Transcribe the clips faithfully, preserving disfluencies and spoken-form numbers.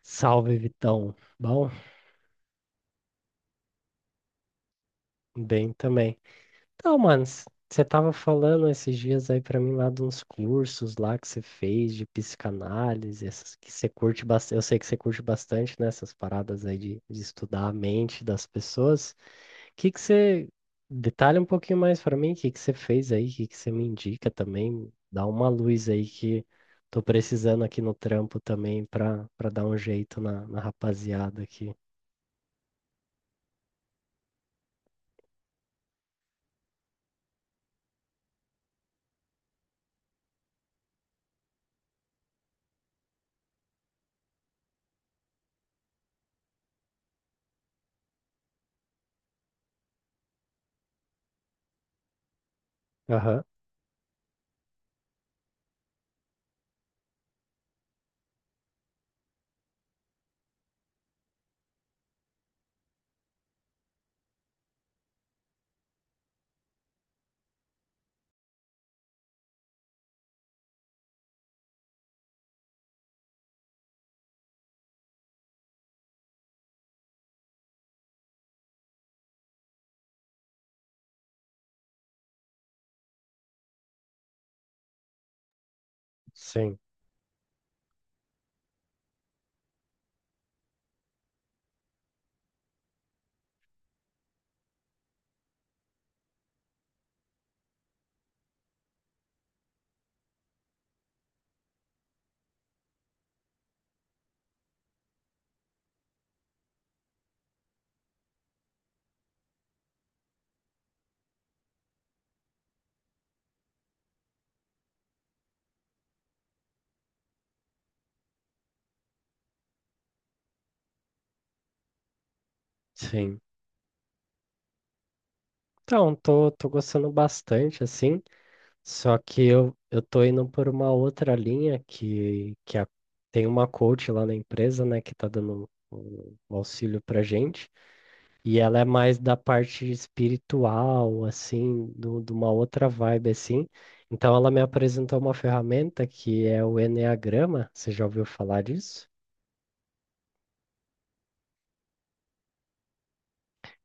Salve, Vitão. Bom, bem também. Então, mano, você tava falando esses dias aí pra mim lá de uns cursos lá que você fez de psicanálise, essas que você curte bastante. Eu sei que você curte bastante, né, essas paradas aí de, de estudar a mente das pessoas. O que que você detalha um pouquinho mais pra mim? O que que você fez aí? O que que você me indica também? Dá uma luz aí que tô precisando aqui no trampo também pra para dar um jeito na, na rapaziada aqui. Aham, sim. Sim. Então, tô, tô gostando bastante, assim, só que eu, eu tô indo por uma outra linha que, que a- tem uma coach lá na empresa, né, que tá dando um, um auxílio pra gente, e ela é mais da parte espiritual, assim, do, de uma outra vibe, assim. Então, ela me apresentou uma ferramenta que é o Enneagrama, você já ouviu falar disso?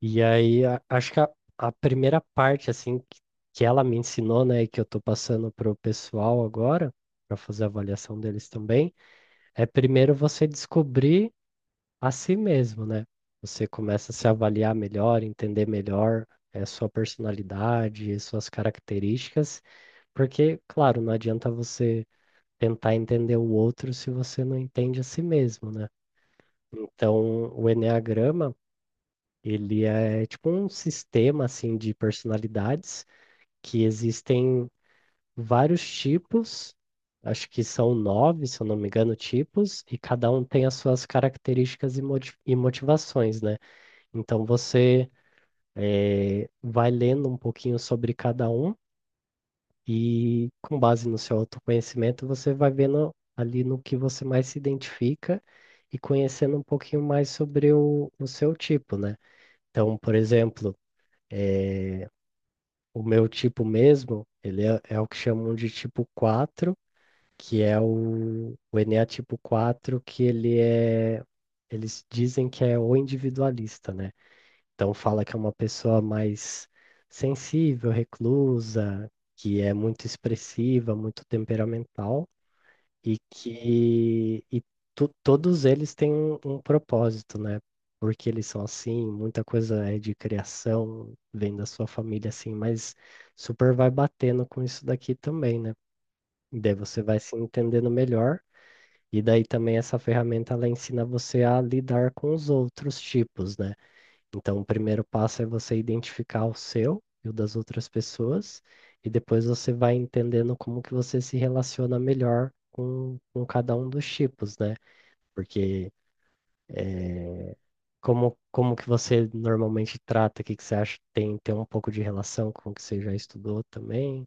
E aí, a- acho que a, a primeira parte, assim, que, que ela me ensinou, né, e que eu tô passando pro pessoal agora, para fazer a avaliação deles também, é primeiro você descobrir a si mesmo, né? Você começa a se avaliar melhor, entender melhor, é, sua personalidade, suas características, porque, claro, não adianta você tentar entender o outro se você não entende a si mesmo, né? Então, o enneagrama ele é tipo um sistema assim de personalidades que existem vários tipos, acho que são nove, se eu não me engano, tipos, e cada um tem as suas características e moti- e motivações, né? Então você eh, vai lendo um pouquinho sobre cada um e com base no seu autoconhecimento você vai vendo ali no que você mais se identifica e conhecendo um pouquinho mais sobre o, o seu tipo, né? Então, por exemplo, o meu tipo mesmo, ele é, é o que chamam de tipo quatro que é o, o Enéa tipo quatro que ele é, eles dizem que é o individualista, né? Então fala que é uma pessoa mais sensível, reclusa, que é muito expressiva, muito temperamental e que e to- todos eles têm um, um propósito, né? Porque eles são assim, muita coisa é de criação, vem da sua família assim, mas super vai batendo com isso daqui também, né? E daí você vai se entendendo melhor, e daí também essa ferramenta ela ensina você a lidar com os outros tipos, né? Então, o primeiro passo é você identificar o seu e o das outras pessoas, e depois você vai entendendo como que você se relaciona melhor com, com cada um dos tipos, né? Porque eh, como, como que você normalmente trata, o que que você acha que tem, tem um pouco de relação com o que você já estudou também?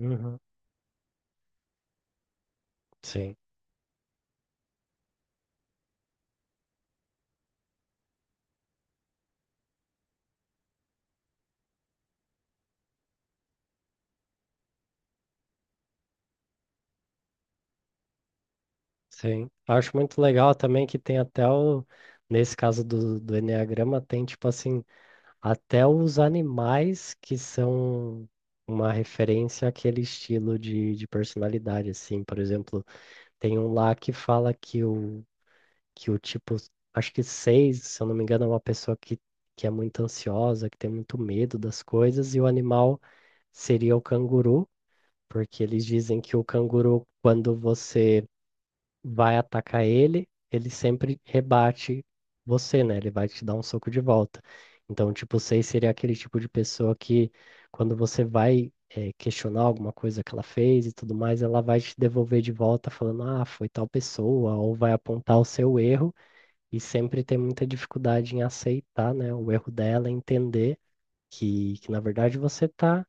Uhum. Sim, sim. Acho muito legal também que tem até o, nesse caso do, do Eneagrama, tem tipo assim, até os animais que são uma referência àquele estilo de, de personalidade, assim. Por exemplo, tem um lá que fala que o, que o tipo, acho que seis, se eu não me engano, é uma pessoa que, que é muito ansiosa, que tem muito medo das coisas, e o animal seria o canguru, porque eles dizem que o canguru, quando você vai atacar ele, ele sempre rebate você, né? Ele vai te dar um soco de volta. Então, tipo seis seria aquele tipo de pessoa que, quando você vai, eh, questionar alguma coisa que ela fez e tudo mais, ela vai te devolver de volta falando, ah, foi tal pessoa, ou vai apontar o seu erro, e sempre tem muita dificuldade em aceitar, né, o erro dela, entender que, que na verdade você está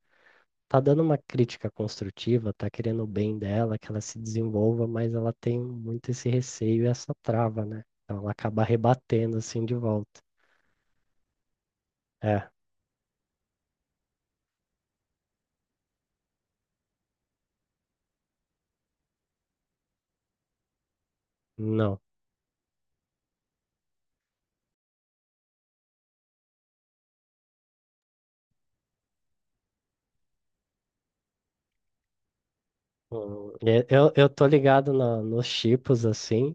tá dando uma crítica construtiva, tá querendo o bem dela, que ela se desenvolva, mas ela tem muito esse receio e essa trava, né? Então ela acaba rebatendo assim de volta. É, não. Hum, e- Eu, eu tô ligado na- nos tipos assim,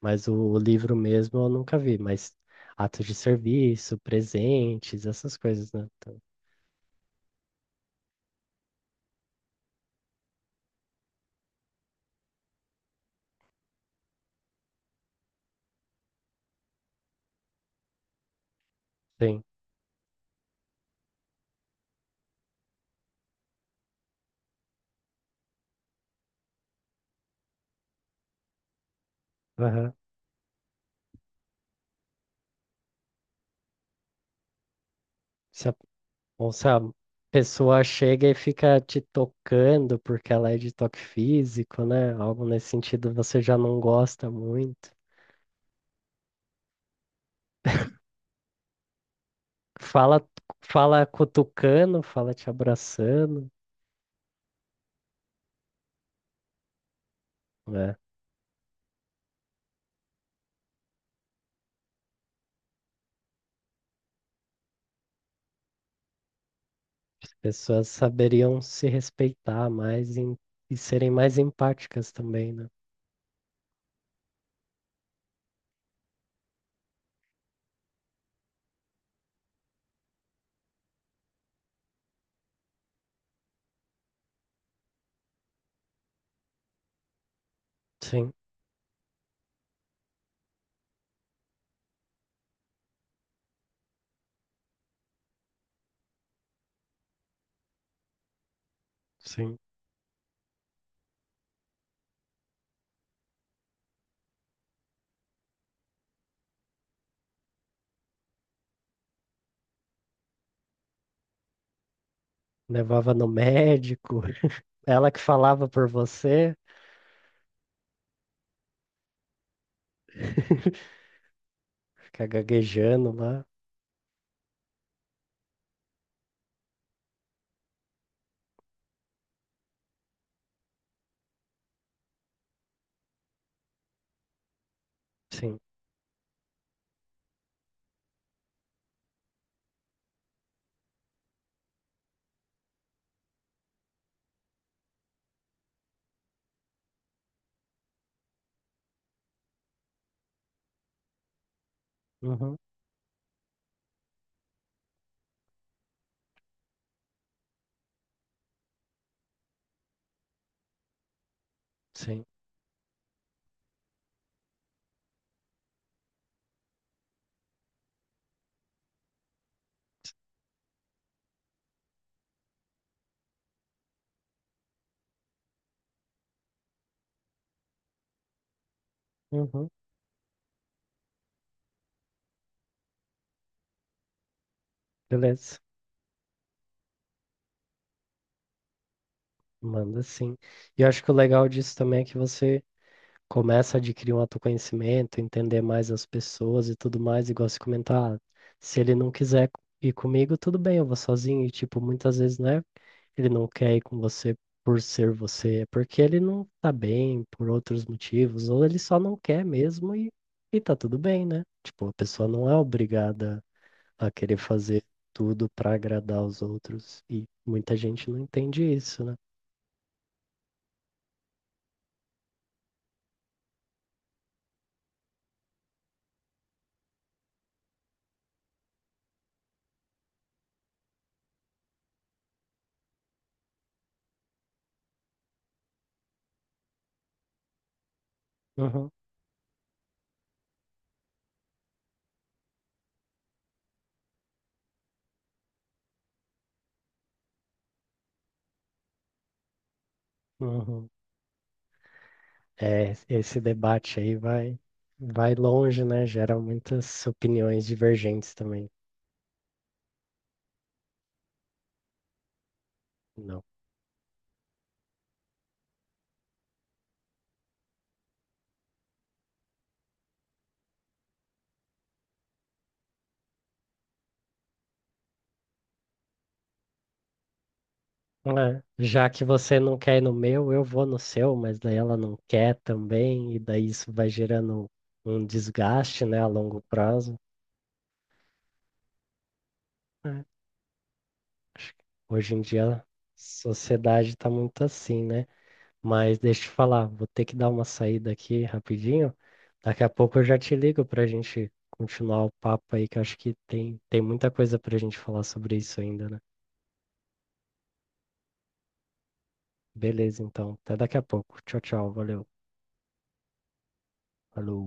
mas o, o livro mesmo eu nunca vi, mas atos de serviço, presentes, essas coisas, né? Então, sim. Aham. Se Ou se a pessoa chega e fica te tocando porque ela é de toque físico, né? Algo nesse sentido você já não gosta muito. Fala, fala cutucando, fala te abraçando, né? As pessoas saberiam se respeitar mais em- e serem mais empáticas também, né? Sim, sim. Levava no médico, ela que falava por você, fica gaguejando lá. Sim, uhum, sim, uhum. Beleza. Manda sim. E eu acho que o legal disso também é que você começa a adquirir um autoconhecimento, entender mais as pessoas e tudo mais, igual se comentar, "Ah, se ele não quiser ir comigo, tudo bem, eu vou sozinho." E tipo, muitas vezes, né, ele não quer ir com você por ser você, é porque ele não tá bem por outros motivos, ou ele só não quer mesmo e, e tá tudo bem, né? Tipo, a pessoa não é obrigada a querer fazer tudo pra agradar os outros. E muita gente não entende isso, né? Uhum. Uhum. É, esse debate aí vai, vai longe, né? Gera muitas opiniões divergentes também. Não. É, já que você não quer ir no meu, eu vou no seu, mas daí ela não quer também, e daí isso vai gerando um desgaste, né, a longo prazo. É, acho que hoje em dia a sociedade está muito assim, né? Mas deixa eu te falar, vou ter que dar uma saída aqui rapidinho. Daqui a pouco eu já te ligo para a gente continuar o papo aí, que eu acho que tem, tem muita coisa para a gente falar sobre isso ainda, né? Beleza, então. Até daqui a pouco. Tchau, tchau. Valeu. Falou.